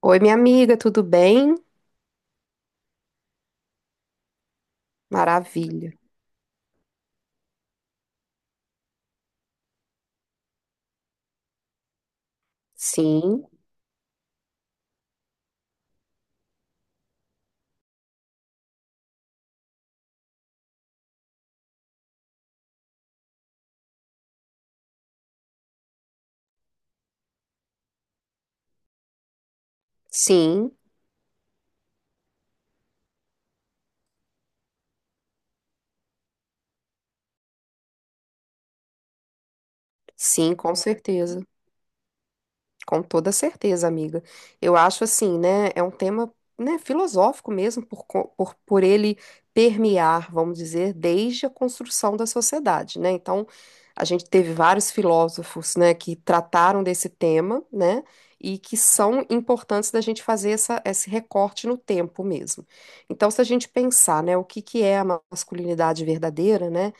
Oi, minha amiga, tudo bem? Maravilha. Sim, sim, sim, com certeza. Com toda certeza, amiga. Eu acho assim, né? É um tema, né, filosófico mesmo, por ele permear, vamos dizer, desde a construção da sociedade, né? Então, a gente teve vários filósofos, né, que trataram desse tema, né? E que são importantes da gente fazer essa, esse recorte no tempo mesmo. Então, se a gente pensar, né, o que que é a masculinidade verdadeira, né?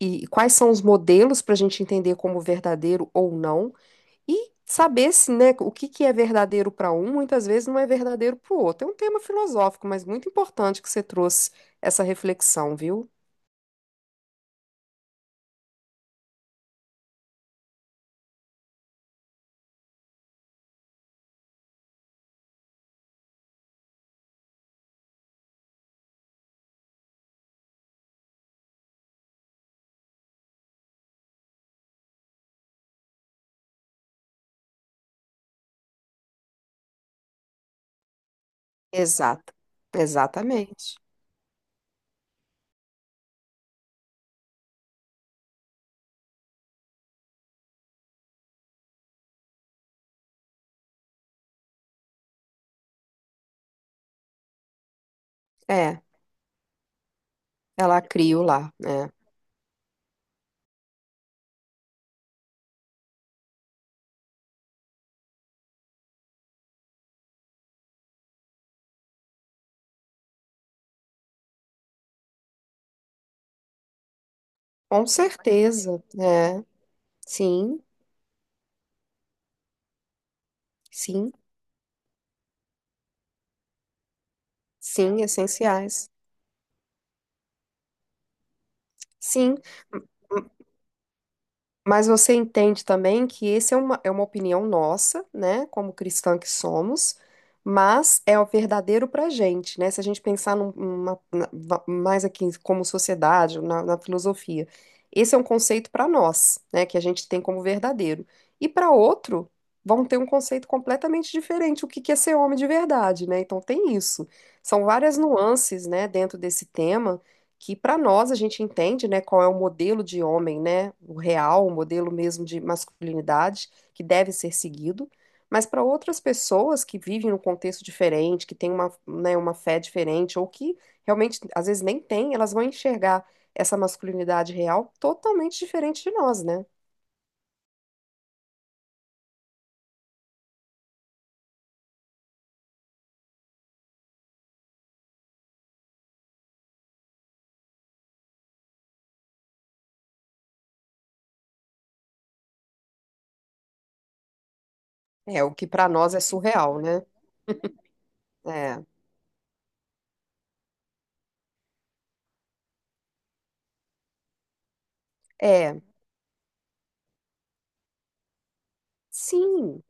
E quais são os modelos para a gente entender como verdadeiro ou não e saber se, né, o que que é verdadeiro para um, muitas vezes não é verdadeiro para o outro. É um tema filosófico, mas muito importante que você trouxe essa reflexão, viu? Exato. Exatamente. É, ela criou lá, né? Com certeza, é. Sim, sim, sim, essenciais. Sim. Mas você entende também que esse é uma opinião nossa, né, como cristã que somos, mas é o verdadeiro pra gente, né? Se a gente pensar mais aqui como sociedade, na, na filosofia, esse é um conceito para nós, né, que a gente tem como verdadeiro. E para outro, vão ter um conceito completamente diferente, o que que é ser homem de verdade, né? Então tem isso. São várias nuances, né, dentro desse tema que para nós a gente entende, né, qual é o modelo de homem, né, o real, o modelo mesmo de masculinidade que deve ser seguido, mas para outras pessoas que vivem num contexto diferente, que têm uma, né, uma fé diferente ou que realmente às vezes nem têm, elas vão enxergar essa masculinidade real totalmente diferente de nós, né? É o que para nós é surreal, né? É, é, sim,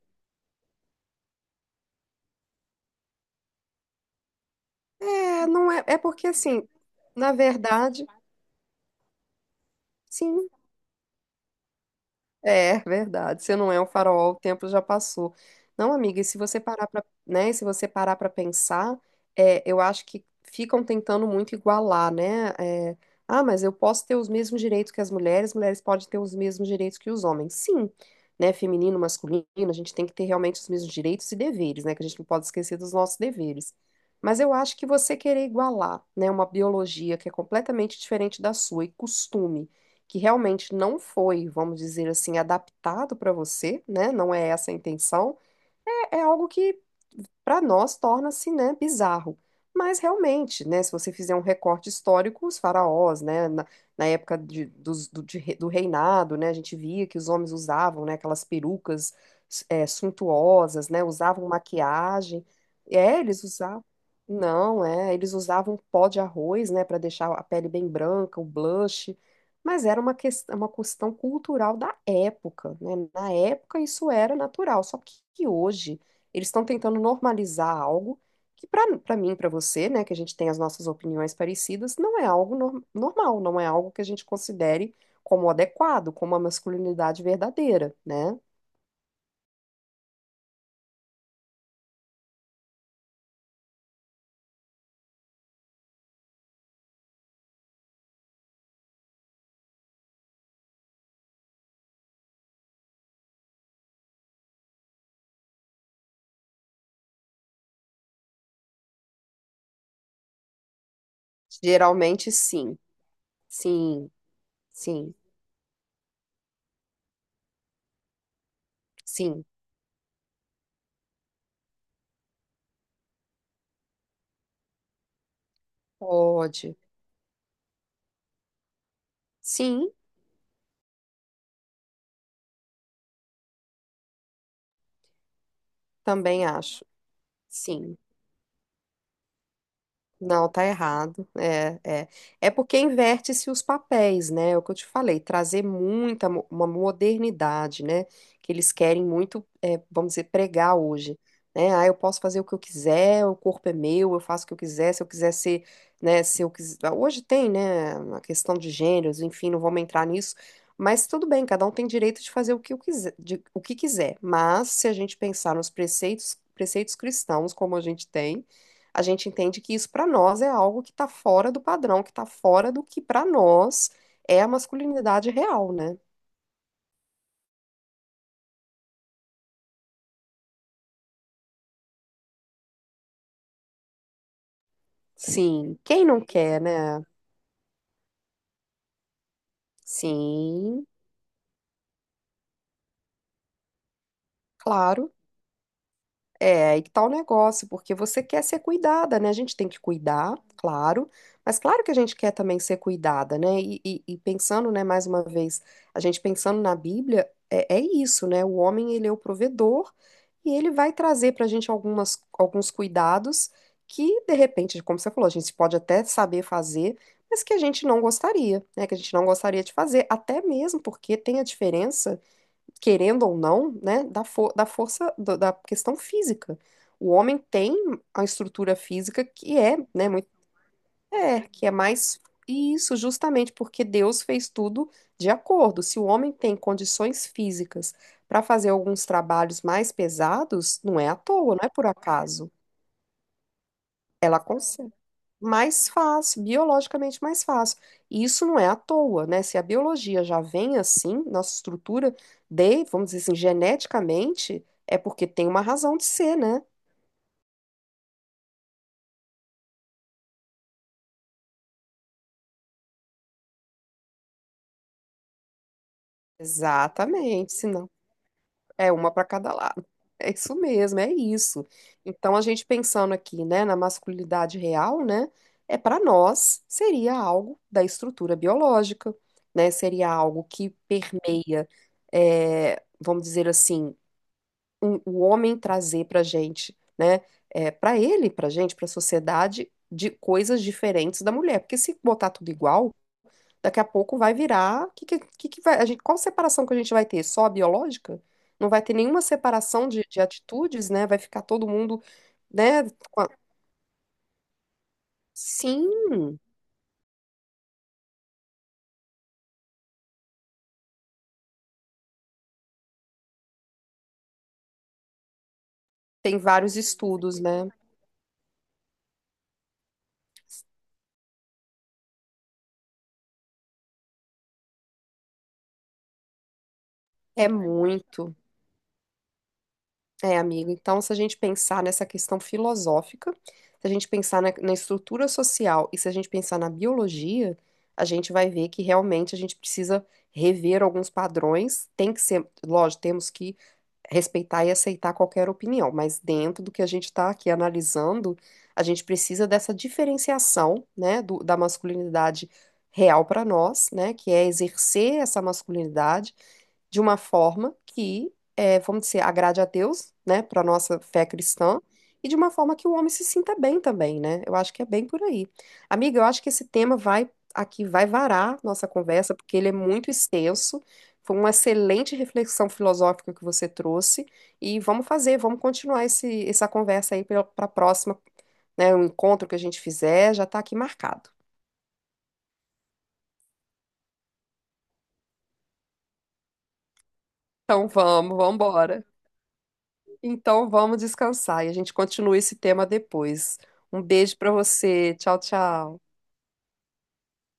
é, não é, é porque assim, na verdade, sim. É verdade. Se não é um farol, o tempo já passou. Não, amiga, e se você parar para pensar, é, eu acho que ficam tentando muito igualar, né? É, ah, mas eu posso ter os mesmos direitos que as mulheres, mulheres podem ter os mesmos direitos que os homens. Sim, né? Feminino, masculino, a gente tem que ter realmente os mesmos direitos e deveres, né? Que a gente não pode esquecer dos nossos deveres. Mas eu acho que você querer igualar, né, uma biologia que é completamente diferente da sua e costume que realmente não foi, vamos dizer assim, adaptado para você, né? Não é essa a intenção. É, é algo que para nós torna-se, né, bizarro. Mas realmente, né, se você fizer um recorte histórico, os faraós, né, na, na época de, dos- do, de re- do reinado, né, a gente via que os homens usavam, né, aquelas perucas, é, suntuosas, né, usavam maquiagem. É, eles usavam. Não, é, eles usavam pó de arroz, né, para deixar a pele bem branca, o blush. Mas era uma questão cultural da época, né? Na época isso era natural, só que hoje eles estão tentando normalizar algo que para mim, para você, né, que a gente tem as nossas opiniões parecidas, não é algo normal, não é algo que a gente considere como adequado, como uma masculinidade verdadeira, né? Geralmente sim, sim, sim, sim, pode. Sim, também acho. Sim. Não, tá errado. É, é. É porque inverte-se os papéis, né? É o que eu te falei, trazer muita uma modernidade, né? Que eles querem muito, é, vamos dizer, pregar hoje. Né? Ah, eu posso fazer o que eu quiser, o corpo é meu, eu faço o que eu quiser, se eu quiser ser, né? Se eu quiser. Hoje tem, né? A questão de gêneros, enfim, não vamos entrar nisso. Mas tudo bem, cada um tem direito de fazer o que eu quiser, o que quiser. Mas se a gente pensar nos preceitos, preceitos cristãos, como a gente tem a gente entende que isso para nós é algo que está fora do padrão, que está fora do que para nós é a masculinidade real, né? Sim, quem não quer, né? Sim, claro. É, aí que tá o negócio, porque você quer ser cuidada, né? A gente tem que cuidar, claro, mas claro que a gente quer também ser cuidada, né? E pensando, né, mais uma vez, a gente pensando na Bíblia, é, é isso, né? O homem, ele é o provedor e ele vai trazer pra gente algumas, alguns cuidados que, de repente, como você falou, a gente pode até saber fazer, mas que a gente não gostaria, né? Que a gente não gostaria de fazer, até mesmo porque tem a diferença querendo ou não, né, da, da força da questão física. O homem tem a estrutura física que é, né, muito, é, que é mais isso, justamente porque Deus fez tudo de acordo. Se o homem tem condições físicas para fazer alguns trabalhos mais pesados, não é à toa, não é por acaso. Ela consegue mais fácil, biologicamente mais fácil. E isso não é à toa, né? Se a biologia já vem assim, nossa estrutura de, vamos dizer assim, geneticamente, é porque tem uma razão de ser, né? Exatamente, senão é uma para cada lado. É isso mesmo, é isso. Então a gente pensando aqui, né, na masculinidade real, né, é para nós seria algo da estrutura biológica, né? Seria algo que permeia, é, vamos dizer assim, o homem trazer para gente, né? É, para ele, para gente, para a sociedade, de coisas diferentes da mulher. Porque se botar tudo igual, daqui a pouco vai virar. Que vai, a gente, qual separação que a gente vai ter? Só a biológica? Não vai ter nenhuma separação de atitudes, né? Vai ficar todo mundo, né? com a- Sim, tem vários estudos, né? É muito. É, amigo, então se a gente pensar nessa questão filosófica, se a gente pensar na, na estrutura social e se a gente pensar na biologia, a gente vai ver que realmente a gente precisa rever alguns padrões. Tem que ser, lógico, temos que respeitar e aceitar qualquer opinião, mas dentro do que a gente está aqui analisando, a gente precisa dessa diferenciação, né, da masculinidade real para nós, né, que é exercer essa masculinidade de uma forma que, vamos dizer, agrade a Deus, né, para nossa fé cristã, e de uma forma que o homem se sinta bem também, né? Eu acho que é bem por aí. Amiga, eu acho que esse tema vai aqui vai varar nossa conversa, porque ele é muito extenso. Foi uma excelente reflexão filosófica que você trouxe e vamos fazer, vamos continuar esse, essa conversa aí para a próxima, né? O encontro que a gente fizer já está aqui marcado. Então vamos, vamos embora. Então vamos descansar e a gente continua esse tema depois. Um beijo para você. Tchau, tchau.